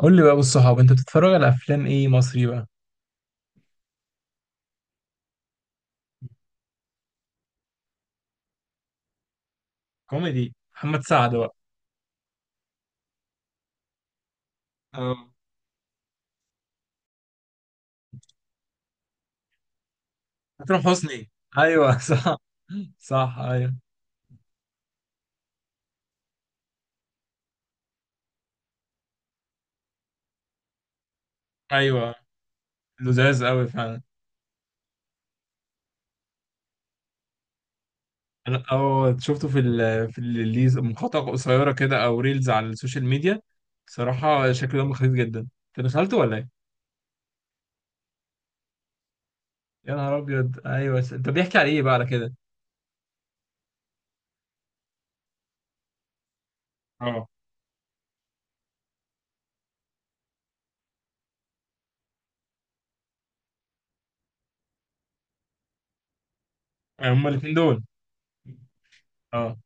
قول لي بقى بالصحاب انت بتتفرج على افلام ايه مصري بقى؟ كوميدي محمد سعد بقى. اه. اكرم حسني، ايوه. صح. صح، ايوه. ايوه، لذاذ قوي فعلا. انا اه شفته في ال في الريلز، مقاطع قصيره كده او ريلز على السوشيال ميديا. صراحه شكله دمه خفيف جدا، انت دخلته ولا ايه؟ يا نهار ابيض، ايوه. انت بيحكي على ايه بقى على كده؟ اه، هما الاثنين دول. اه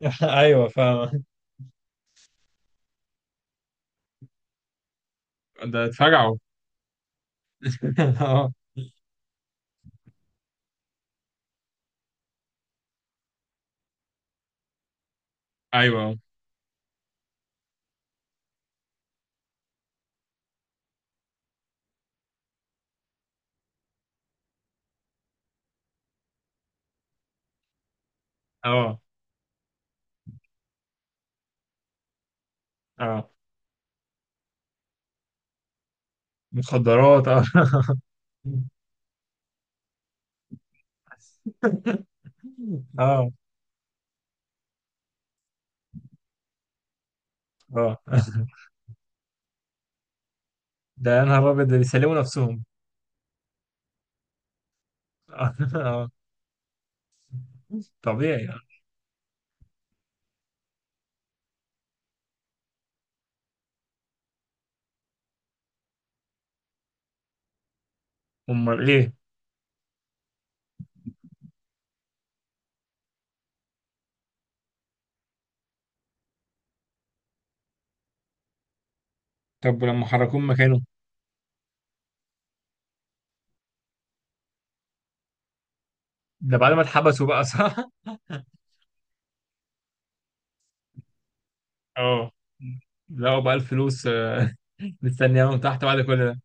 ايوه فاهم. ده اتفجعوا. اه. ايوه. اه. اه، مخدرات، اه. اه. اه، ده يا نهار ابيض، ده بيسلموا نفسهم. اه. طبيعي يعني. امال ايه. طب ولما حركوه من مكانه؟ ده بعد ما اتحبسوا بقى، صح؟ اه، لقوا بقى الفلوس. مستنياهم تحت بعد كل ده.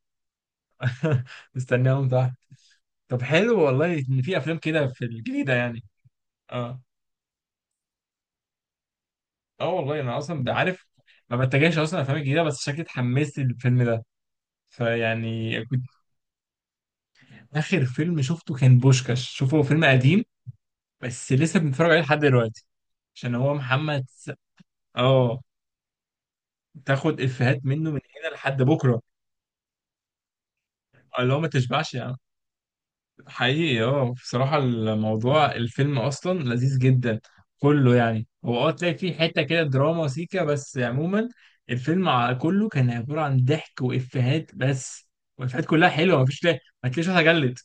مستنياهم تحت. طب حلو والله ان في افلام كده في الجديده يعني. اه. اه والله انا اصلا بعرف، ما بتجاهش اصلا الافلام الجديده، بس شكلي اتحمست للفيلم ده. فيعني كنت. آخر فيلم شفته كان بوشكاش، شوفه، هو فيلم قديم بس لسه بنتفرج عليه لحد دلوقتي عشان هو محمد اه، تاخد إفيهات منه من هنا لحد بكرة. اللي هو ما تشبعش يعني. حقيقي، اه بصراحة الموضوع الفيلم أصلا لذيذ جدا كله. يعني هو اه تلاقي فيه حتة كده دراما سيكا، بس عموما الفيلم كله كان عبارة عن ضحك وإفيهات بس، والإفيهات كلها حلوة، مفيش تلاقي. ما تلاقيش واحد جلد.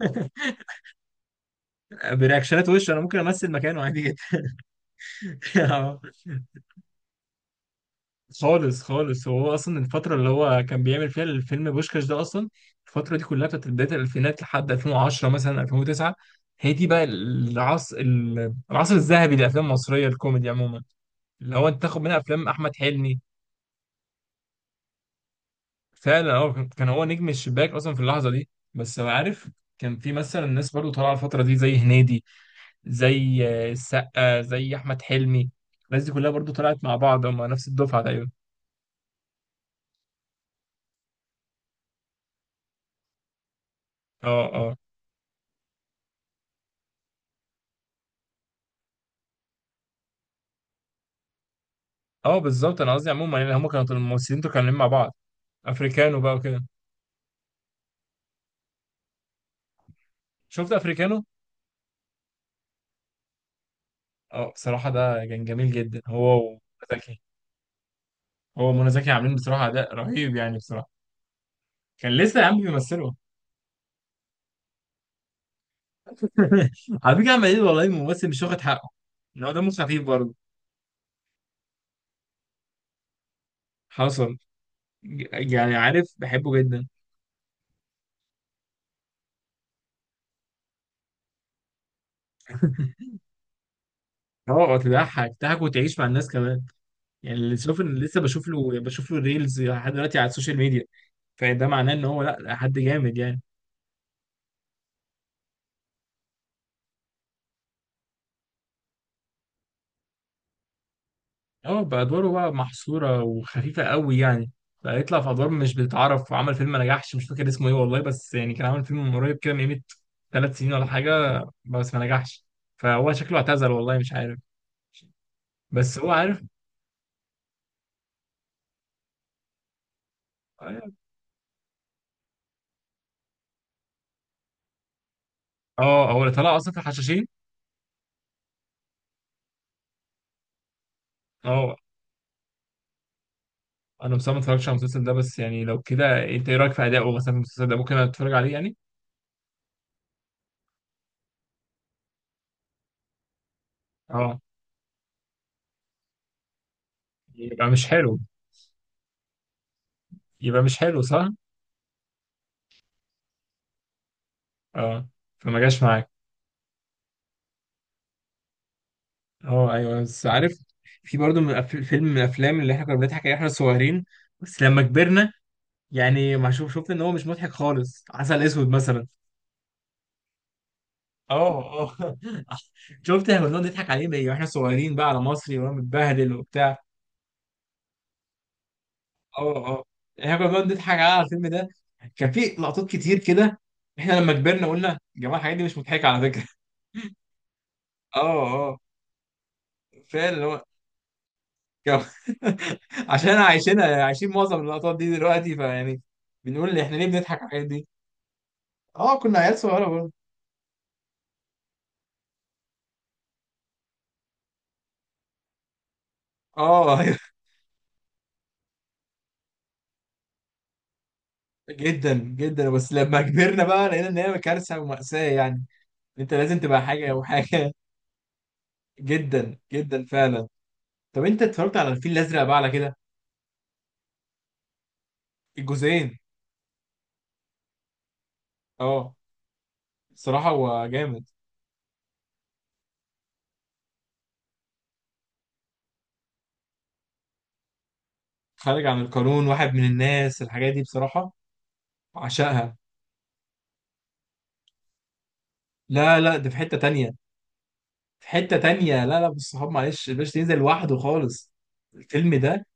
برياكشنات وش أنا ممكن أمثل مكانه عادي جدا. اه. خالص خالص، هو اصلا الفتره اللي هو كان بيعمل فيها الفيلم بوشكاش ده، اصلا الفتره دي كلها بتاعت بدايه الالفينات لحد 2010 مثلا 2009، هي دي بقى العصر، العصر الذهبي للافلام المصريه الكوميدي عموما. اللي هو انت تاخد منها افلام احمد حلمي. فعلا هو كان، كان هو نجم الشباك اصلا في اللحظه دي. بس أنا عارف كان في مثلا ناس برضو طالعه الفتره دي زي هنيدي، زي السقا، زي احمد حلمي. الناس دي كلها برضو طلعت مع بعض، هم نفس الدفعه تقريبا. اه. اه. اه بالظبط، انا قصدي عموما يعني هم كانوا الممثلين دول كانوا لين مع بعض. افريكانو بقى وكده. شفت افريكانو. اه بصراحه ده كان جميل جدا، هو ومنى زكي. هو ومنى زكي عاملين بصراحه اداء رهيب يعني بصراحه. كان لسه يا عم بيمثلوا. على فكره عمال يقول والله الممثل مش واخد حقه، ان هو دمه خفيف برضه. حصل. يعني عارف بحبه جدا. اه، تضحك تضحك وتعيش مع الناس كمان. يعني اللي شوف إن لسه بشوف له، بشوف له ريلز لحد دلوقتي على السوشيال ميديا. فده معناه ان هو لا، حد جامد يعني. اه، بأدواره بقى محصورة وخفيفة قوي يعني. بقى يطلع في أدوار مش بتتعرف، وعمل فيلم ما نجحش، مش فاكر اسمه ايه والله، بس يعني كان عامل فيلم من قريب كده من قيمة 3 سنين ولا حاجة، بس ما نجحش. فهو شكله اعتزل والله مش عارف. بس هو عارف. اه هو اللي طلع أصلا في الحشاشين. اه، أنا بصراحة ما اتفرجتش على المسلسل ده، بس يعني لو كده أنت إيه رأيك في أدائه مثلا في المسلسل ده؟ ممكن أتفرج عليه يعني. اه، يبقى مش حلو. يبقى مش حلو، صح؟ اه. فما جاش معاك. اه ايوه، بس عارف في برضه من فيلم من الافلام اللي احنا كنا بنضحك عليه احنا صغيرين، بس لما كبرنا يعني ما شوف شفت ان هو مش مضحك خالص، عسل اسود مثلا. اه اه. شفت، احنا كنا بنقعد نضحك عليه بقى واحنا صغيرين بقى على مصري وانا متبهدل وبتاع. اه اه. احنا كنا بنقعد نضحك على الفيلم ده، كان في لقطات كتير كده. احنا لما كبرنا قلنا يا جماعه الحاجات دي مش مضحكه على فكره. اه اه فعلا. كم- عشان عايشين، عايشين معظم اللقطات دي دلوقتي، فيعني بنقول احنا ليه بنضحك على الحاجات دي. اه كنا عيال صغيره برضه. اه أيوة، جدا جدا، بس لما كبرنا بقى لقينا ان هي كارثه ومأساة يعني، انت لازم تبقى حاجه وحاجه. جدا جدا فعلا. طب انت اتفرجت على الفيل الازرق بقى على كده؟ الجزئين. اه بصراحه هو جامد. خارج عن القانون، واحد من الناس، الحاجات دي بصراحه عشقها. لا لا، ده في حته تانية. في حتة تانية، لا لا، بالصحاب، معلش الباشا تنزل لوحده خالص. الفيلم ده.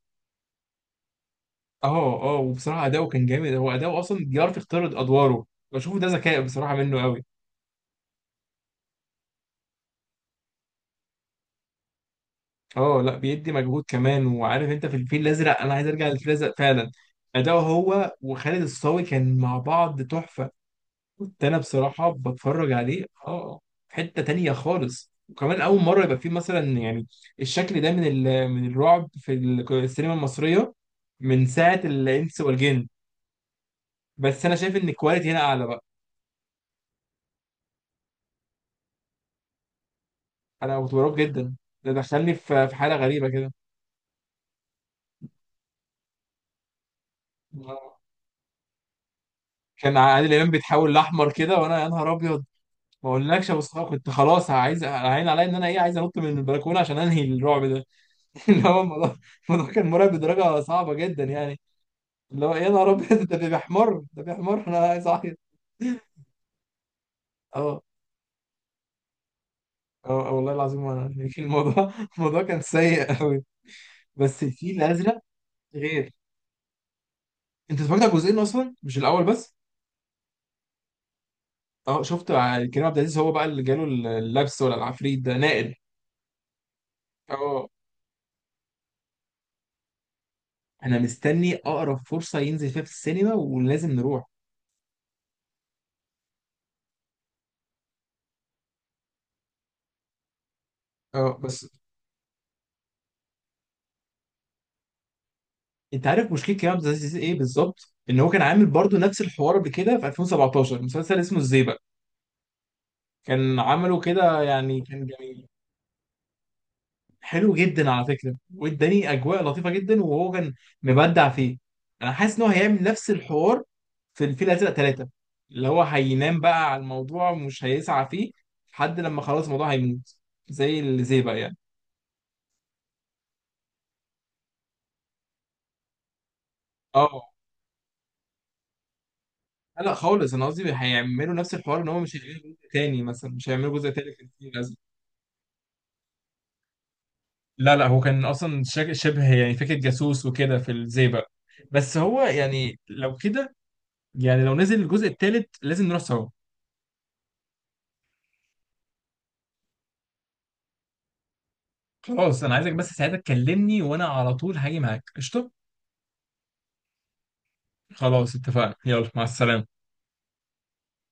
اه اه، وبصراحة أداؤه كان جامد، هو أداؤه أصلا بيعرف يختار أدواره. بشوفه ده ذكاء بصراحة منه قوي. اه، لا بيدي مجهود كمان. وعارف أنت، في الفيل الأزرق، أنا عايز أرجع للفيل الأزرق فعلا، أداؤه هو وخالد الصاوي كان مع بعض تحفة. كنت انا بصراحه بتفرج عليه، اه. في حته تانية خالص، وكمان اول مره يبقى فيه مثلا يعني الشكل ده من من الرعب في السينما المصريه، من ساعه الانس والجن. بس انا شايف ان الكواليتي هنا اعلى بقى. انا كنت مرعوب جدا، ده دخلني في في حاله غريبه كده. كان عادل امام بيتحول لاحمر كده وانا يا نهار ابيض. ما اقولكش يا مصطفى، كنت خلاص عايز عين عليا، ان انا ايه، عايز انط من البلكونه عشان انهي الرعب ده. اللي هو الموضوع، الموضوع كان مرعب بدرجه صعبه جدا يعني. اللي هو يا نهار ابيض، ده بيحمر ده بيحمر، انا عايز اعيط. اه اه، والله العظيم. وانا يعني الموضوع، الموضوع كان سيء قوي. بس الفيل الازرق غير. انت اتفرجت على جزئين اصلا مش الاول بس. اه شفت، كريم عبد العزيز هو بقى اللي جاله اللبس ولا العفريت ده نائل. اه. انا مستني اقرب فرصه ينزل فيها في السينما ولازم نروح. اه بس. انت عارف مشكله كريم عبد العزيز ايه بالظبط، ان هو كان عامل برضو نفس الحوار قبل كده في 2017 مسلسل اسمه الزيبق. كان عمله كده يعني كان جميل. حلو جدا على فكره، واداني اجواء لطيفه جدا، وهو كان مبدع فيه. انا حاسس ان هو هيعمل نفس الحوار في الفيل الازرق ثلاثه، اللي هو هينام بقى على الموضوع ومش هيسعى فيه لحد لما خلاص الموضوع هيموت، زي اللي زي بقى يعني. اه. لا خالص، انا قصدي هيعملوا نفس الحوار، ان هو مش هيعملوا جزء تاني مثلا، مش هيعملوا جزء تاني في الفيل الازرق. لا لا، هو كان اصلا شبه يعني فكره جاسوس وكده في الزي بقى، بس هو يعني لو كده. يعني لو نزل الجزء الثالث لازم نروح سوا. خلاص، انا عايزك بس ساعتها تكلمني وانا على طول هاجي معاك قشطه. خلاص اتفقنا، يلا مع السلامه.